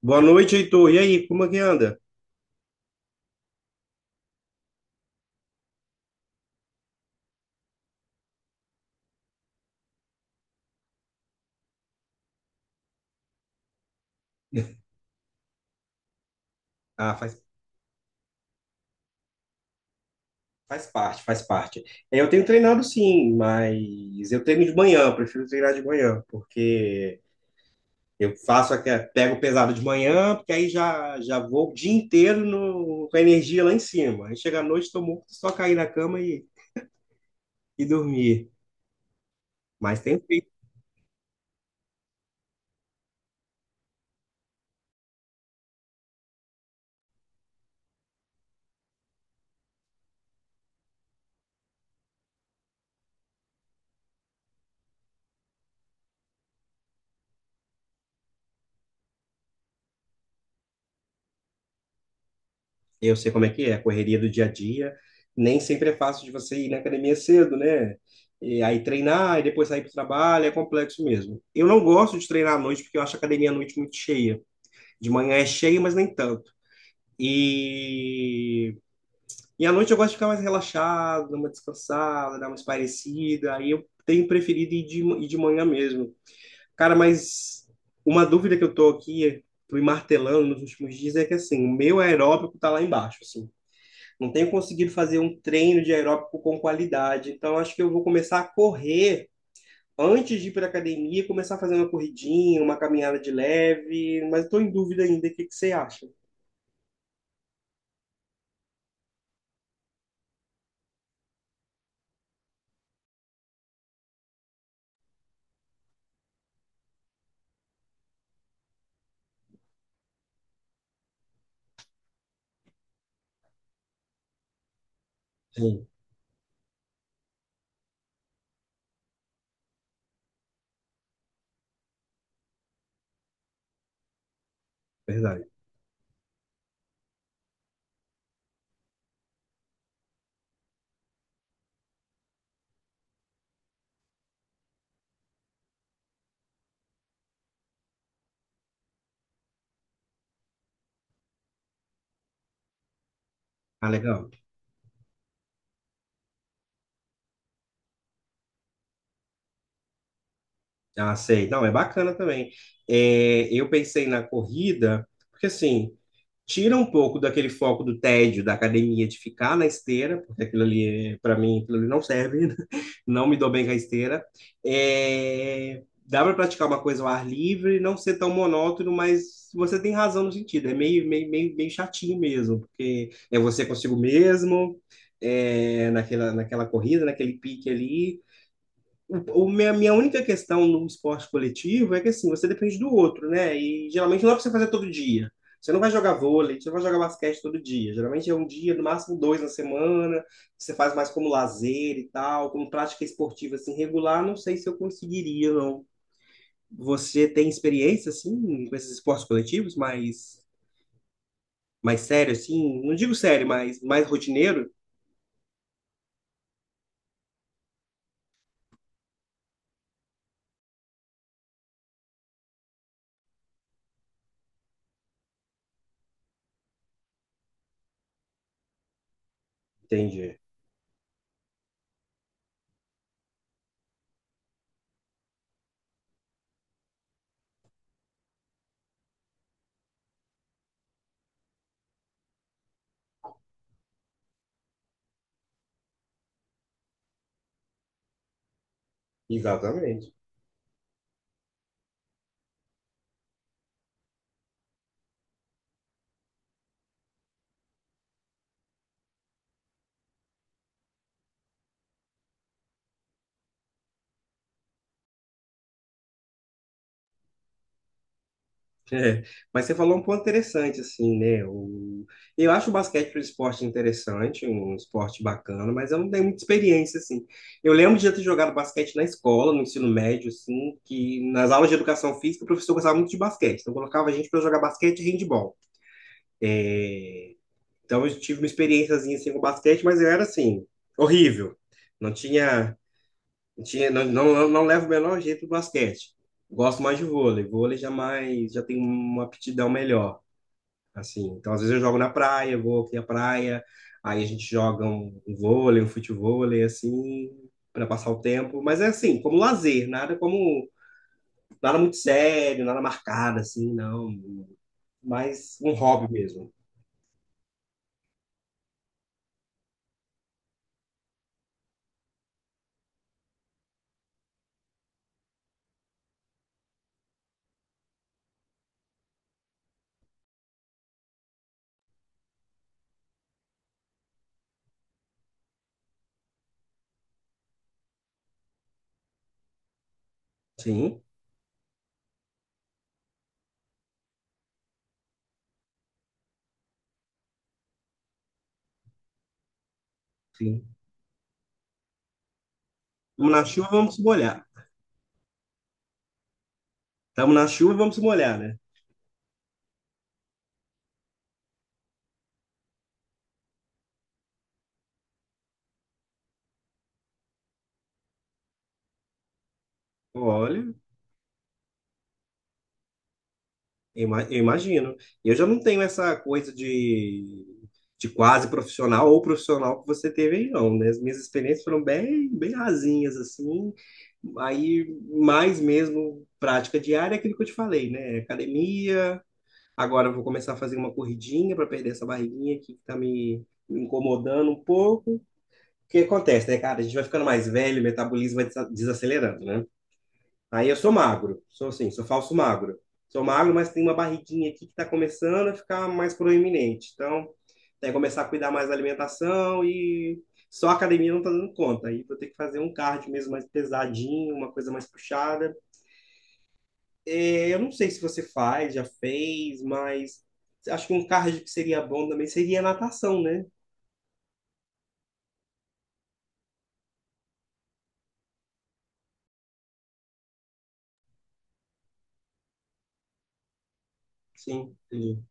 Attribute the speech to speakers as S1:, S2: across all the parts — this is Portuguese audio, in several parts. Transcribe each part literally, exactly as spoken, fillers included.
S1: Boa noite, Heitor. E aí, como é que anda? Ah, faz, faz parte, faz parte. É, eu tenho treinado sim, mas eu treino de manhã, eu prefiro treinar de manhã, porque eu faço aquele, pego pesado de manhã, porque aí já, já vou o dia inteiro no- com a energia lá em cima. Aí chega à noite, estou morto, só cair na cama e, e dormir. Mas tem Eu sei como é que é, a correria do dia a dia. Nem sempre é fácil de você ir na academia cedo, né? E aí treinar e depois sair para o trabalho, é complexo mesmo. Eu não gosto de treinar à noite porque eu acho a academia à noite muito cheia. De manhã é cheia, mas nem tanto. E, e à noite eu gosto de ficar mais relaxado, dar uma descansada, dar uma espairecida. Aí eu tenho preferido ir de, ir de manhã mesmo. Cara, mas uma dúvida que eu tô aqui, fui martelando nos últimos dias, é que assim, o meu aeróbico tá lá embaixo, assim, não tenho conseguido fazer um treino de aeróbico com qualidade. Então, acho que eu vou começar a correr antes de ir para a academia, começar a fazer uma corridinha, uma caminhada de leve, mas estou em dúvida ainda. O que que você acha? Sim, verdade. Ah, legal. Ah, sei. Não, é bacana também. É, eu pensei na corrida, porque assim, tira um pouco daquele foco do tédio da academia de ficar na esteira, porque aquilo ali, para mim, aquilo ali não serve, não me dou bem com a esteira. É, dá para praticar uma coisa ao ar livre, não ser tão monótono, mas você tem razão no sentido, é meio, meio, meio, meio chatinho mesmo, porque é você consigo mesmo, é, naquela, naquela corrida, naquele pique ali. O, o minha, minha única questão no esporte coletivo é que assim, você depende do outro, né? E geralmente não é pra você fazer todo dia. Você não vai jogar vôlei, você não vai jogar basquete todo dia. Geralmente é um dia, no máximo dois na semana que Você faz mais como lazer e tal, como prática esportiva assim regular. Não sei se eu conseguiria, não. Você tem experiência assim com esses esportes coletivos, mais mais sério assim? Não digo sério, mas mais rotineiro? Entendi. Exatamente. É, mas você falou um ponto interessante, assim, né? O, eu acho o basquete um esporte interessante, um esporte bacana, mas eu não tenho muita experiência, assim. Eu lembro de já ter jogado basquete na escola, no ensino médio, assim, que nas aulas de educação física o professor gostava muito de basquete, então colocava a gente para jogar basquete e handebol. Então eu tive uma experiênciazinha, assim, com basquete, mas eu era, assim, horrível. Não tinha, não tinha, não, não, não não levo o menor jeito do basquete. Gosto mais de vôlei, vôlei já mais, já tem uma aptidão melhor assim. Então, às vezes eu jogo na praia, vou aqui à praia, aí a gente joga um um vôlei, um futevôlei, assim, para passar o tempo. Mas é assim, como lazer, nada como nada muito sério, nada marcado, assim, não. Mas um hobby mesmo. Sim, sim. Estamos na chuva, vamos se molhar. Estamos na chuva, vamos se molhar, né? Olha, Eu ima- eu imagino. Eu já não tenho essa coisa de, de quase profissional ou profissional que você teve aí, não, né? As minhas experiências foram bem, bem rasinhas, assim. Aí, mais mesmo, prática diária é aquilo que eu te falei, né? Academia. Agora eu vou começar a fazer uma corridinha para perder essa barriguinha aqui que tá me, me incomodando um pouco. O que acontece, né, cara? A gente vai ficando mais velho, o metabolismo vai desa- desacelerando, né? Aí eu sou magro, sou assim, sou falso magro. Sou magro, mas tem uma barriguinha aqui que está começando a ficar mais proeminente. Então, tem que começar a cuidar mais da alimentação e só a academia não está dando conta. Aí vou ter que fazer um cardio mesmo mais pesadinho, uma coisa mais puxada. É, eu não sei se você faz, já fez, mas acho que um cardio que seria bom também seria natação, né? Sim, sim,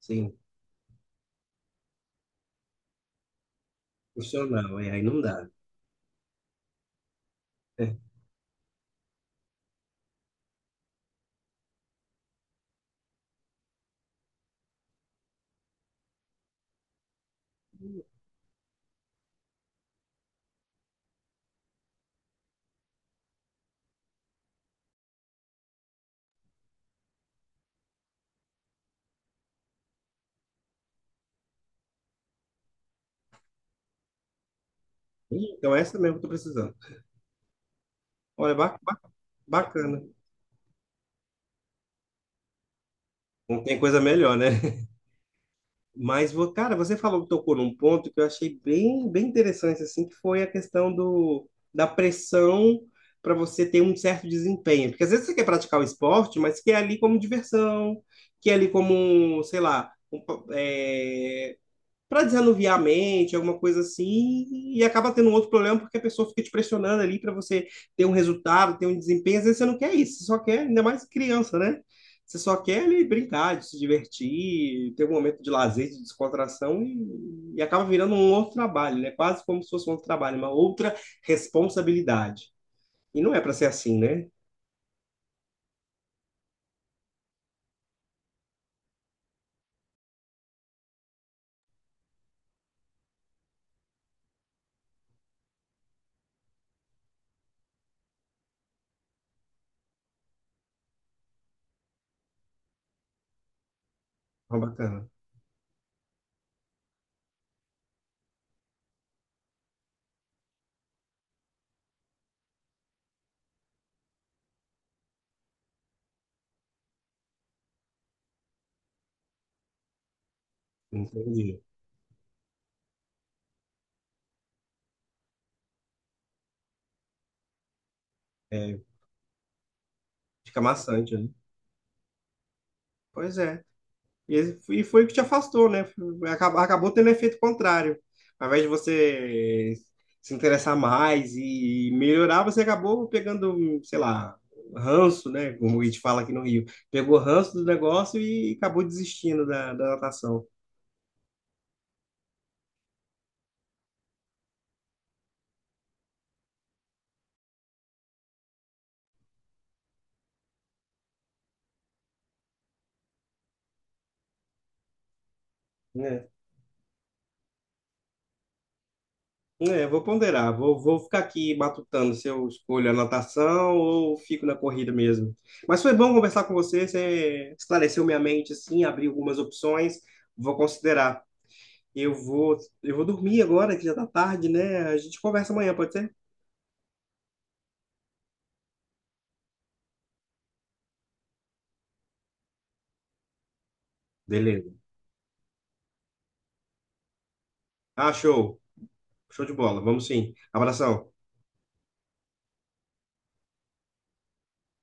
S1: sim. Profissional, é, aí não dá. É. Ih, então, essa mesmo que eu tô precisando. Olha, ba- ba- bacana. Não tem coisa melhor, né? Mas, vo- cara, você falou, tocou num ponto que eu achei bem, bem interessante, assim, que foi a questão do, da pressão para você ter um certo desempenho. Porque às vezes você quer praticar o esporte, mas quer ali como diversão, quer ali como, sei lá, um, para desanuviar a mente, alguma coisa assim, e acaba tendo um outro problema porque a pessoa fica te pressionando ali para você ter um resultado, ter um desempenho. Às vezes você não quer isso, você só quer, ainda mais criança, né? Você só quer ali brincar, de se divertir, ter um momento de lazer, de descontração e, e acaba virando um outro trabalho, né? Quase como se fosse um outro trabalho, uma outra responsabilidade. E não é para ser assim, né? Uma bacana. Entendi. É, fica maçante, né? Pois é. E esse- e foi o que te afastou, né? Acabou, acabou tendo efeito contrário. Ao invés de você se interessar mais e melhorar, você acabou pegando, sei lá, ranço, né? Como a gente fala aqui no Rio. Pegou ranço do negócio e acabou desistindo da, da natação. Né? É, vou ponderar, vou, vou ficar aqui matutando se eu escolho a natação ou fico na corrida mesmo. Mas foi bom conversar com você, você esclareceu minha mente, assim, abriu algumas opções, vou considerar. Eu vou, eu vou dormir agora, que já tá tarde, né? A gente conversa amanhã, pode ser? Beleza. Ah, show. Show de bola. Vamos sim. Abração.